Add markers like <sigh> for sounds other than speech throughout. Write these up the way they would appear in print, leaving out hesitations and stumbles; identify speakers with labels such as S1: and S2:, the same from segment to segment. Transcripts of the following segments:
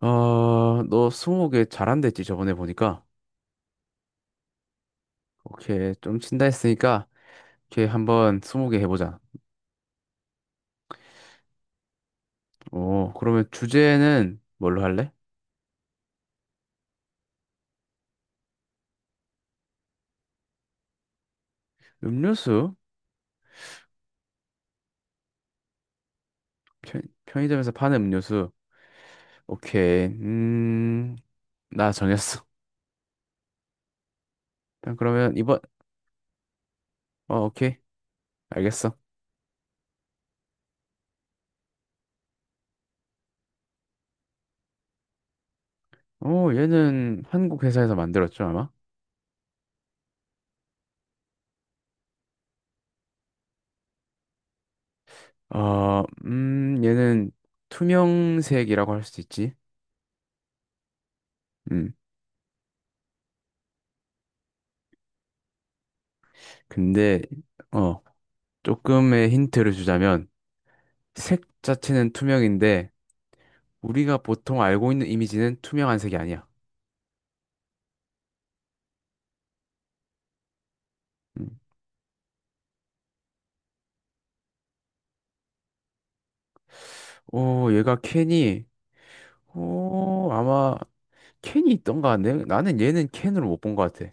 S1: 어, 너 스무고개 잘한댔지 저번에 보니까. 오케이, 좀 친다 했으니까 오케이 한번 스무고개 해보자. 오, 그러면 주제는 뭘로 할래? 음료수? 편의점에서 파는 음료수. 오케이, 나 정했어. 일단 그러면 이번, 어, 오케이, 알겠어. 오, 얘는 한국 회사에서 만들었죠 아마? 어, 얘는 투명색이라고 할 수 있지. 음, 근데 어, 조금의 힌트를 주자면. 색 자체는 투명인데 우리가 보통 알고 있는 이미지는 투명한 색이 아니야. 음. 오, 얘가 캔이 오, 아마 캔이 있던가? 나는 얘는 캔으로 못 본 것 같아.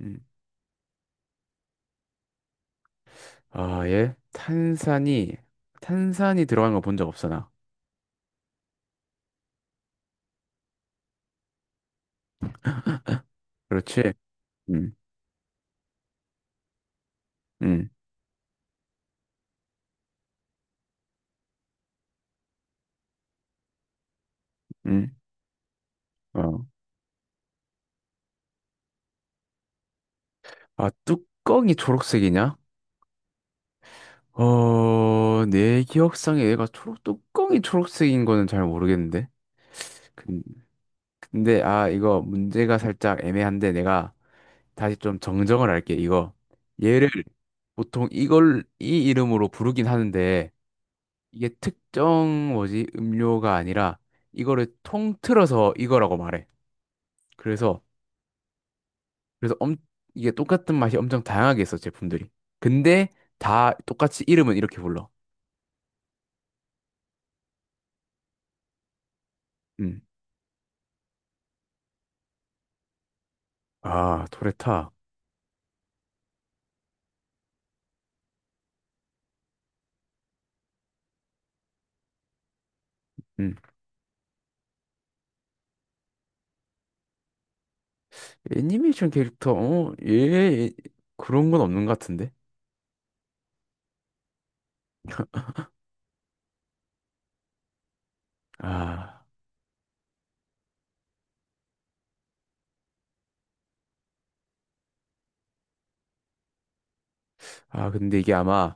S1: 음. 아, 얘 탄산이 탄산이 들어간 거 본 적 없어 나. 그렇지? 음. 음. 음. 어. 아, 뚜껑이 초록색이냐? 어, 내 기억상에 얘가 초록 뚜껑이 초록색인 거는 잘 모르겠는데. 근- 근데 아 이거 문제가 살짝 애매한데 내가 다시 좀 정정을 할게, 이거. 얘를 보통 이걸, 이 이름으로 부르긴 하는데, 이게 특정 뭐지, 음료가 아니라, 이거를 통틀어서 이거라고 말해. 그래서, 그래서 엄, 이게 똑같은 맛이 엄청 다양하게 있어, 제품들이. 근데 다 똑같이 이름은 이렇게 불러. 음. 아, 토레타. 음. 애니메이션 캐릭터, 어, 얘, 얘- 그런 건 없는 것 같은데? 아. 아, 근데 이게 아마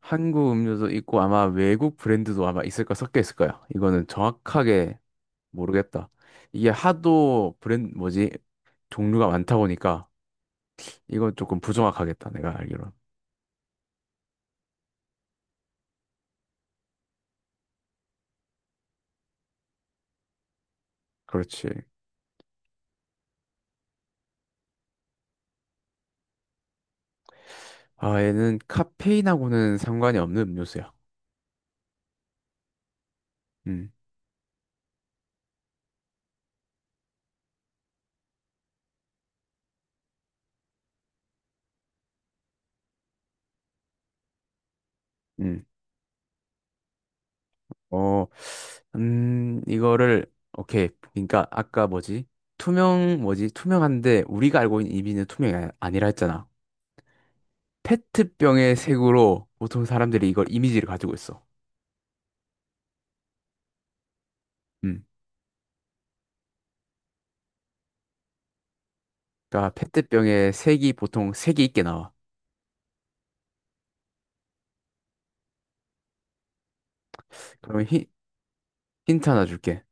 S1: 한국 음료도 있고 아마 외국 브랜드도 아마 있을 거 섞여 있을 거야. 이거는 정확하게 모르겠다. 이게 하도 브랜드 뭐지? 종류가 많다 보니까 이건 조금 부정확하겠다. 내가 알기로는. 그렇지. 아, 얘는 카페인하고는 상관이 없는 음료수야. 음. 음. 어. 이거를 오케이. 그러니까 아까 뭐지? 투명 뭐지? 투명한데 우리가 알고 있는 이비는 투명이 아니라 했잖아. 페트병의 색으로 보통 사람들이 이걸 이미지를 가지고 있어. 음. 그러니까 페트병의 색이 보통 색이 있게 나와. 그러면 힌트 하나 줄게.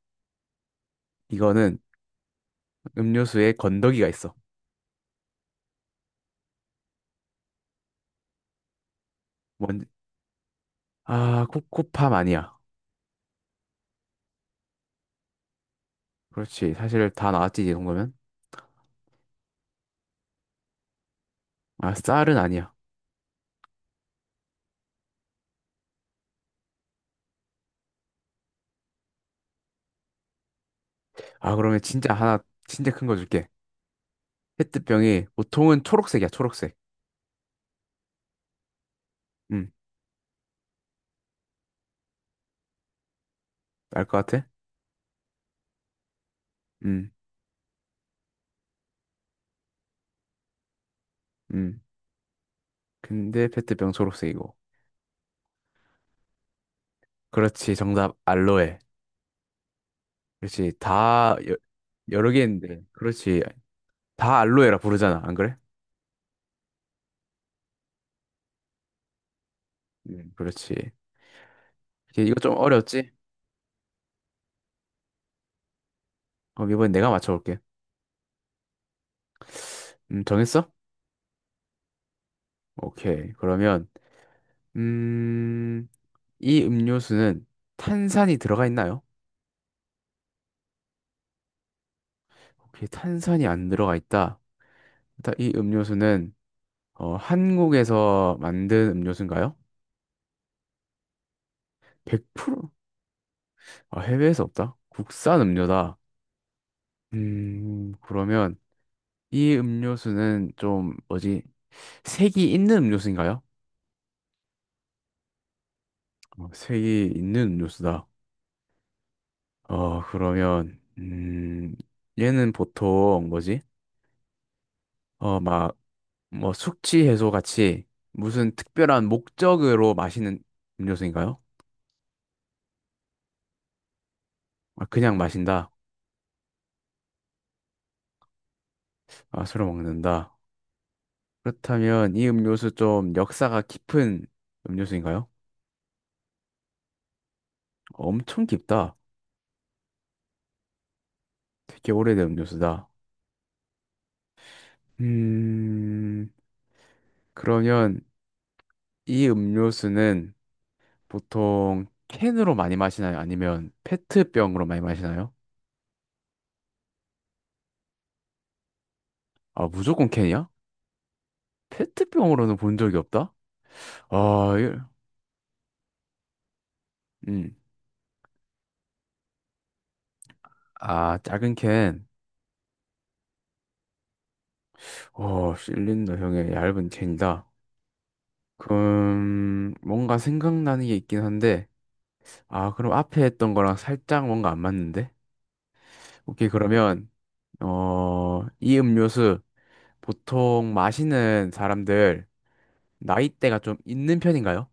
S1: 이거는 음료수에 건더기가 있어. 뭔, 아, 코코팜 아니야. 그렇지. 사실 다 나왔지, 이 정도면. 아, 쌀은 아니야. 아, 그러면 진짜 하나, 진짜 큰 거 줄게. 페트병이 보통은 초록색이야, 초록색. 음, 알 것 같아? 음, 음. 근데 페트병 초록색이고. 그렇지, 정답, 알로에. 그렇지. 다 여, 여러 개인데. 그렇지. 다 알로에라 부르잖아. 안 그래? 그렇지. 이제 이거 좀 어렵지? 그럼 이번엔 내가 맞춰볼게. 정했어? 오케이. 그러면 음, 이 음료수는 탄산이 들어가 있나요? 오케이. 탄산이 안 들어가 있다. 일단 이 음료수는 어, 한국에서 만든 음료수인가요? 100%. 아, 해외에서 없다. 국산 음료다. 그러면 이 음료수는 좀 뭐지? 색이 있는 음료수인가요? 어, 색이 있는 음료수다. 어, 그러면 얘는 보통 뭐지? 어, 막 뭐 숙취 해소 같이 무슨 특별한 목적으로 마시는 음료수인가요? 아, 그냥 마신다. 아, 술을 먹는다. 그렇다면 이 음료수 좀 역사가 깊은 음료수인가요? 엄청 깊다. 되게 오래된 음료수다. 음, 그러면 이 음료수는 보통 캔으로 많이 마시나요? 아니면 페트병으로 많이 마시나요? 아, 무조건 캔이야? 페트병으로는 본 적이 없다? 아, 이- 음. 아, 작은 캔. 어, 실린더형의 얇은 캔이다. 그럼 뭔가 생각나는 게 있긴 한데 아, 그럼 앞에 했던 거랑 살짝 뭔가 안 맞는데? 오케이, 그러면 어, 이 음료수 보통 마시는 사람들 나이대가 좀 있는 편인가요?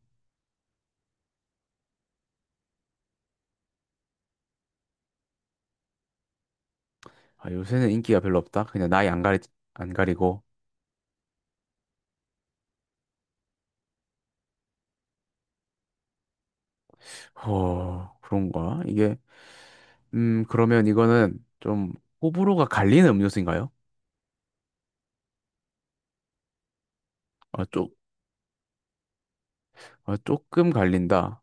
S1: 아, 요새는 인기가 별로 없다. 그냥 나이 안 가리고. 허, 그런가? 이게, 그러면 이거는 좀 호불호가 갈리는 음료수인가요? 아, 쪼, 아, 조금 갈린다.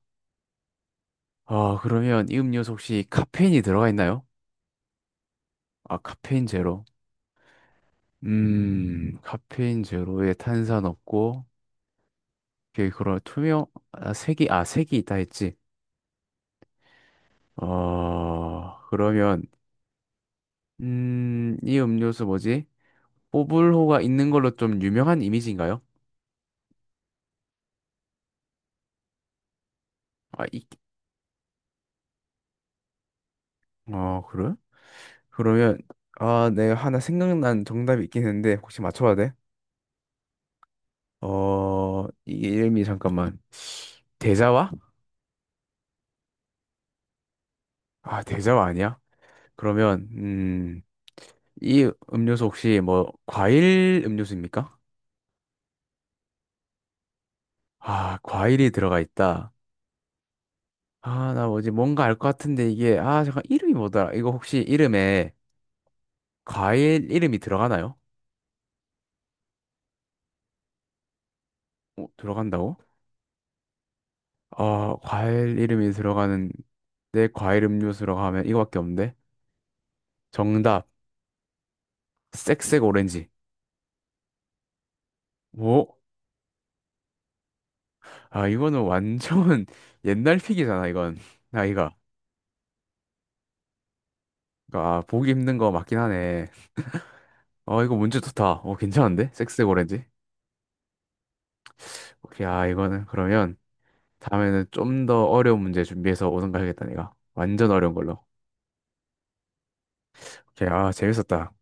S1: 아, 그러면 이 음료수 혹시 카페인이 들어가 있나요? 아, 카페인 제로. 카페인 제로에 탄산 없고, 이게 그런 투명, 아, 색이, 아, 색이 있다 했지. 어, 그러면, 이 음료수 뭐지? 뽀블호가 있는 걸로 좀 유명한 이미지인가요? 아, 있, 아, 그래? 그러면, 아, 내가 하나 생각난 정답이 있긴 했는데, 혹시 맞춰봐도 돼? 어, 이 이름이 잠깐만. 대자와? 아, 대자와 아니야? 그러면, 이 음료수 혹시 뭐, 과일 음료수입니까? 아, 과일이 들어가 있다. 아, 나 뭐지, 뭔가 알 것 같은데 이게, 아, 잠깐, 이름이 뭐더라? 이거 혹시 이름에 과일 이름이 들어가나요? 어, 들어간다고? 아, 과일 이름이 들어가는 내 과일 음료수라고 하면 이거밖에 없는데? 정답. 색색 오렌지. 오! 아, 이거는 완전 <laughs> 옛날 픽이잖아, 이건. 나이가. 그러니까, 아, 보기 힘든 거 맞긴 하네. 어, 이거 문제 좋다. 어, 괜찮은데? 색색 오렌지. 오케이, 아, 이거는 그러면 다음에는 좀 더 어려운 문제 준비해서 오는 거 해야겠다, 내가. 완전 어려운 걸로. 오케이, 아, 재밌었다.